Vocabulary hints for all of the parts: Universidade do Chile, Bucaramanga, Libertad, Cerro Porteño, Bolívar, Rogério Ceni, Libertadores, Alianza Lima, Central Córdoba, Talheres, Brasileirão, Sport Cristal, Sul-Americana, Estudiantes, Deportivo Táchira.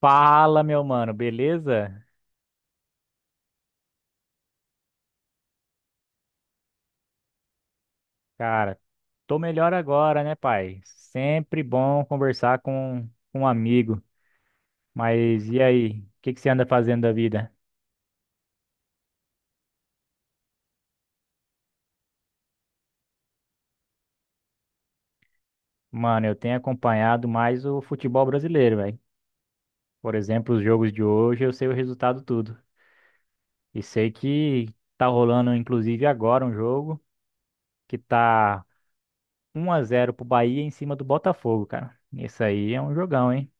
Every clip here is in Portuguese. Fala, meu mano, beleza? Cara, tô melhor agora, né, pai? Sempre bom conversar com um amigo. Mas e aí? O que que você anda fazendo da vida? Mano, eu tenho acompanhado mais o futebol brasileiro, velho. Por exemplo, os jogos de hoje, eu sei o resultado tudo. E sei que tá rolando, inclusive, agora um jogo que tá 1-0 pro Bahia em cima do Botafogo, cara. Isso aí é um jogão, hein?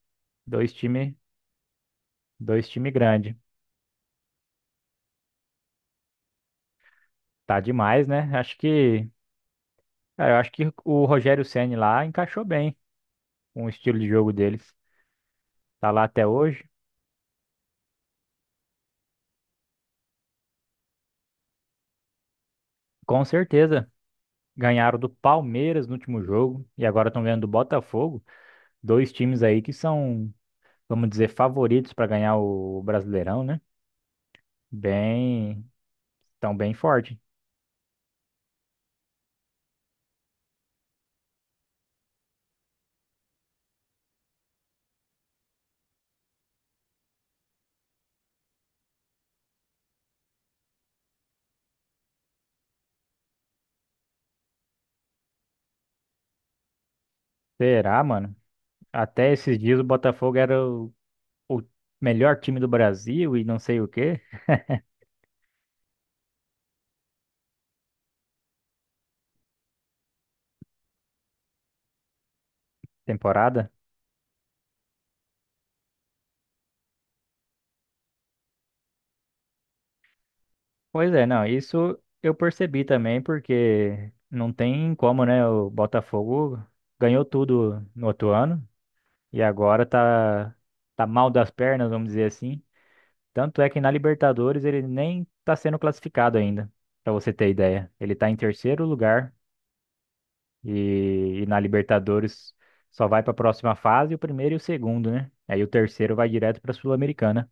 Dois time, Dois time grande. Tá demais, né? Acho que Cara, eu acho que o Rogério Ceni lá encaixou bem com o estilo de jogo deles. Tá lá até hoje. Com certeza. Ganharam do Palmeiras no último jogo e agora estão ganhando do Botafogo. Dois times aí que são, vamos dizer, favoritos para ganhar o Brasileirão, né? Bem, tão bem forte. Será, mano? Até esses dias o Botafogo era o melhor time do Brasil e não sei o quê, temporada. Pois é, não, isso eu percebi também, porque não tem como, né? O Botafogo ganhou tudo no outro ano e agora tá, tá mal das pernas, vamos dizer assim. Tanto é que na Libertadores ele nem tá sendo classificado ainda, pra você ter ideia. Ele tá em terceiro lugar e na Libertadores só vai pra próxima fase o primeiro e o segundo, né? Aí o terceiro vai direto pra Sul-Americana.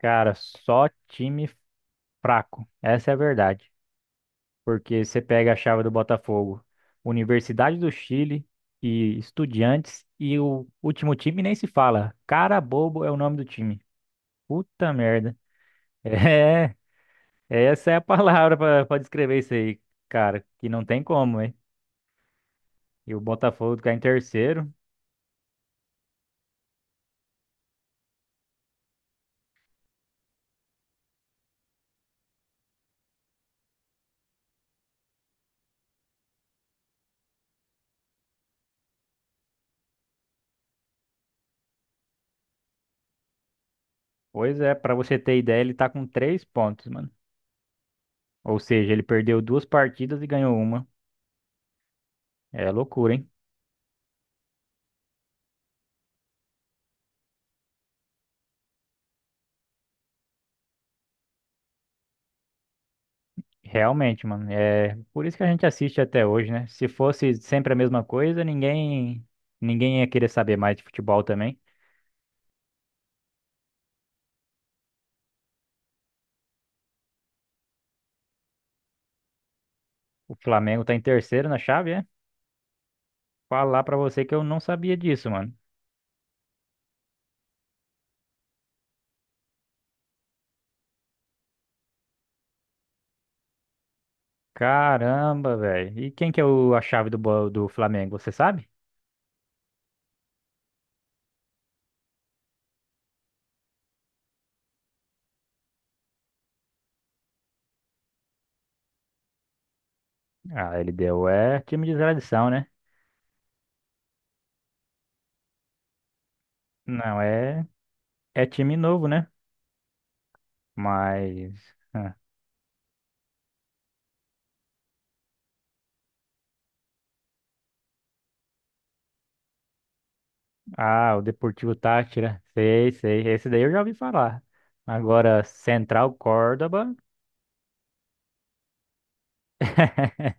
Cara, só time fraco, essa é a verdade. Porque você pega a chave do Botafogo, Universidade do Chile e Estudiantes, e o último time nem se fala. Cara bobo é o nome do time. Puta merda. É, essa é a palavra pra descrever isso aí, cara, que não tem como, hein? E o Botafogo ficar em terceiro. Pois é, pra você ter ideia, ele tá com 3 pontos, mano. Ou seja, ele perdeu duas partidas e ganhou uma. É loucura, hein? Realmente, mano. É por isso que a gente assiste até hoje, né? Se fosse sempre a mesma coisa, ninguém ia querer saber mais de futebol também. O Flamengo tá em terceiro na chave, é? Falar pra você que eu não sabia disso, mano. Caramba, velho. E quem que é o, a chave do do Flamengo, você sabe? Ah, ele deu. É time de tradição, né? Não, é, é time novo, né? Mas. Ah, o Deportivo Táchira. Sei, sei. Esse daí eu já ouvi falar. Agora, Central Córdoba.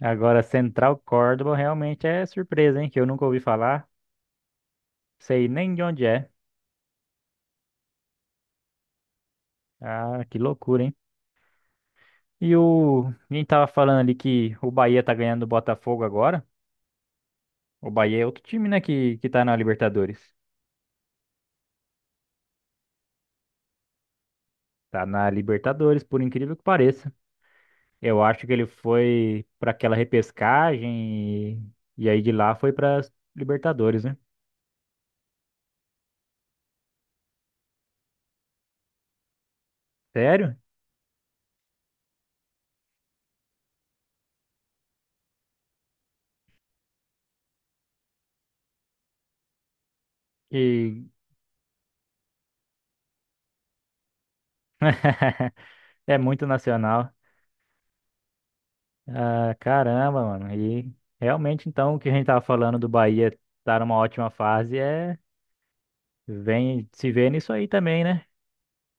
Agora, Central Córdoba realmente é surpresa, hein? Que eu nunca ouvi falar, sei nem de onde é. Ah, que loucura, hein? E o. A gente tava falando ali que o Bahia tá ganhando do Botafogo agora. O Bahia é outro time, né? Que tá na Libertadores. Tá na Libertadores, por incrível que pareça. Eu acho que ele foi pra aquela repescagem e aí de lá foi pra Libertadores, né? Sério? E é muito nacional. Ah, caramba, mano. E realmente, então, o que a gente tava falando do Bahia tá numa ótima fase é vem se vê nisso aí também, né?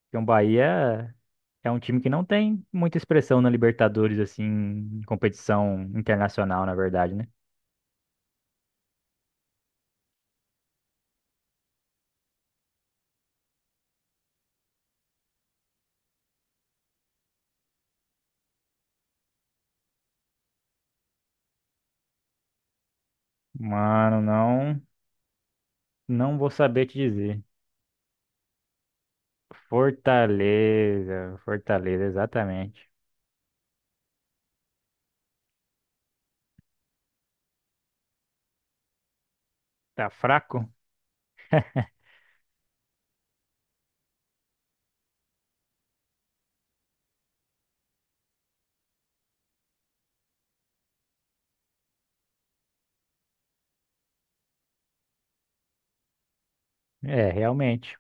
Porque o Bahia é um time que não tem muita expressão na Libertadores, assim, em competição internacional, na verdade, né? Mano, não vou saber te dizer. Fortaleza, Fortaleza, exatamente. Tá fraco? É, realmente.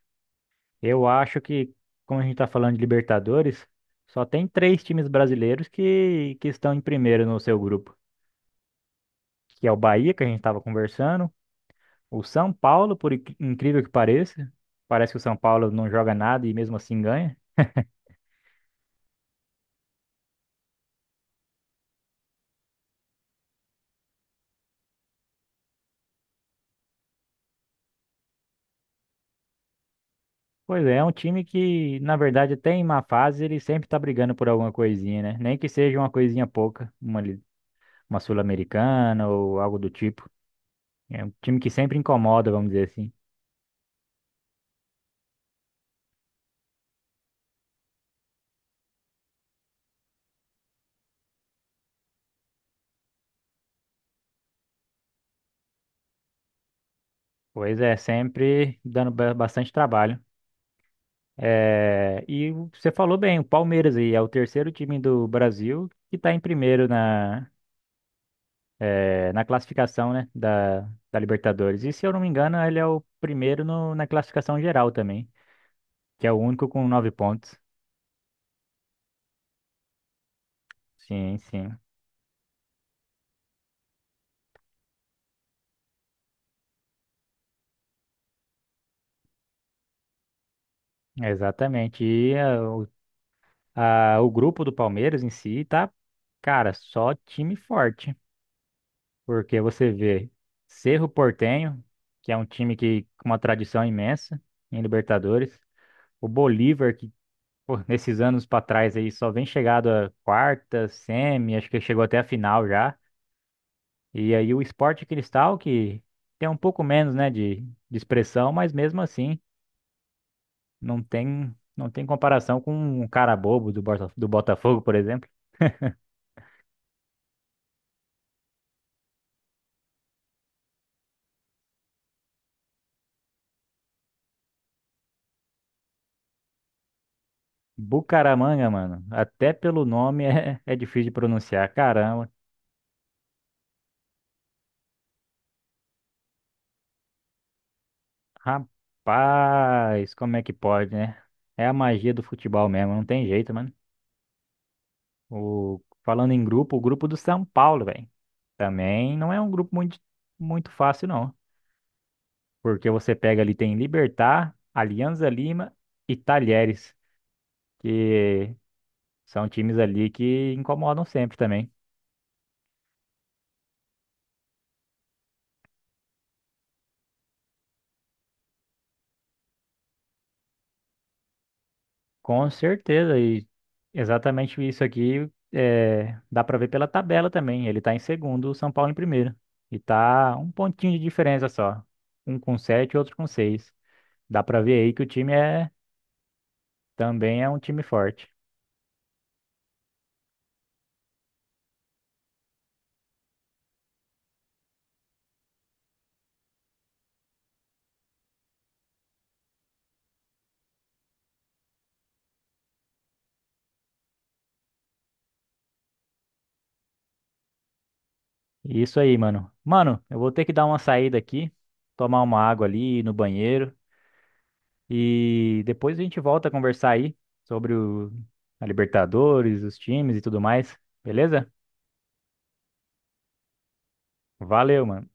Eu acho que, como a gente está falando de Libertadores, só tem três times brasileiros que estão em primeiro no seu grupo, que é o Bahia, que a gente estava conversando, o São Paulo, por incrível que pareça, parece que o São Paulo não joga nada e mesmo assim ganha. Pois é, é um time que, na verdade, até em má fase, ele sempre está brigando por alguma coisinha, né? Nem que seja uma coisinha pouca, uma Sul-Americana ou algo do tipo. É um time que sempre incomoda, vamos dizer assim. Pois é, sempre dando bastante trabalho. É, e o- você falou bem, o Palmeiras aí é o terceiro time do Brasil que está em primeiro na, é, na classificação, né, da Libertadores. E se eu não me engano, ele é o primeiro na classificação geral também, que é o único com 9 pontos. Sim, sim, exatamente. E o grupo do Palmeiras em si tá, cara, só time forte, porque você vê Cerro Porteño, que é um time que com uma tradição imensa em Libertadores. O Bolívar, que Pô, nesses anos pra trás aí, só vem chegado a quarta, semi, acho que chegou até a final já. E aí o Sport Cristal, que tem um pouco menos, né, de expressão, mas mesmo assim, não tem, não tem comparação com um cara bobo do do Botafogo, por exemplo. Bucaramanga, mano, até pelo nome é difícil de pronunciar. Caramba, rapaz, como é que pode, né? É a magia do futebol mesmo, não tem jeito, mano. O, falando em grupo, o grupo do São Paulo, velho. Também não é um grupo muito, muito fácil, não. Porque você pega ali, tem Libertad, Alianza Lima e Talheres, que são times ali que incomodam sempre também. Com certeza, e exatamente isso aqui é, dá pra ver pela tabela também. Ele tá em segundo, o São Paulo em primeiro. E tá um pontinho de diferença só. Um com sete, outro com seis. Dá pra ver aí que o time é também é um time forte. Isso aí, mano. Mano, eu vou ter que dar uma saída aqui, tomar uma água ali, ir no banheiro e depois a gente volta a conversar aí sobre a Libertadores, os times e tudo mais, beleza? Valeu, mano.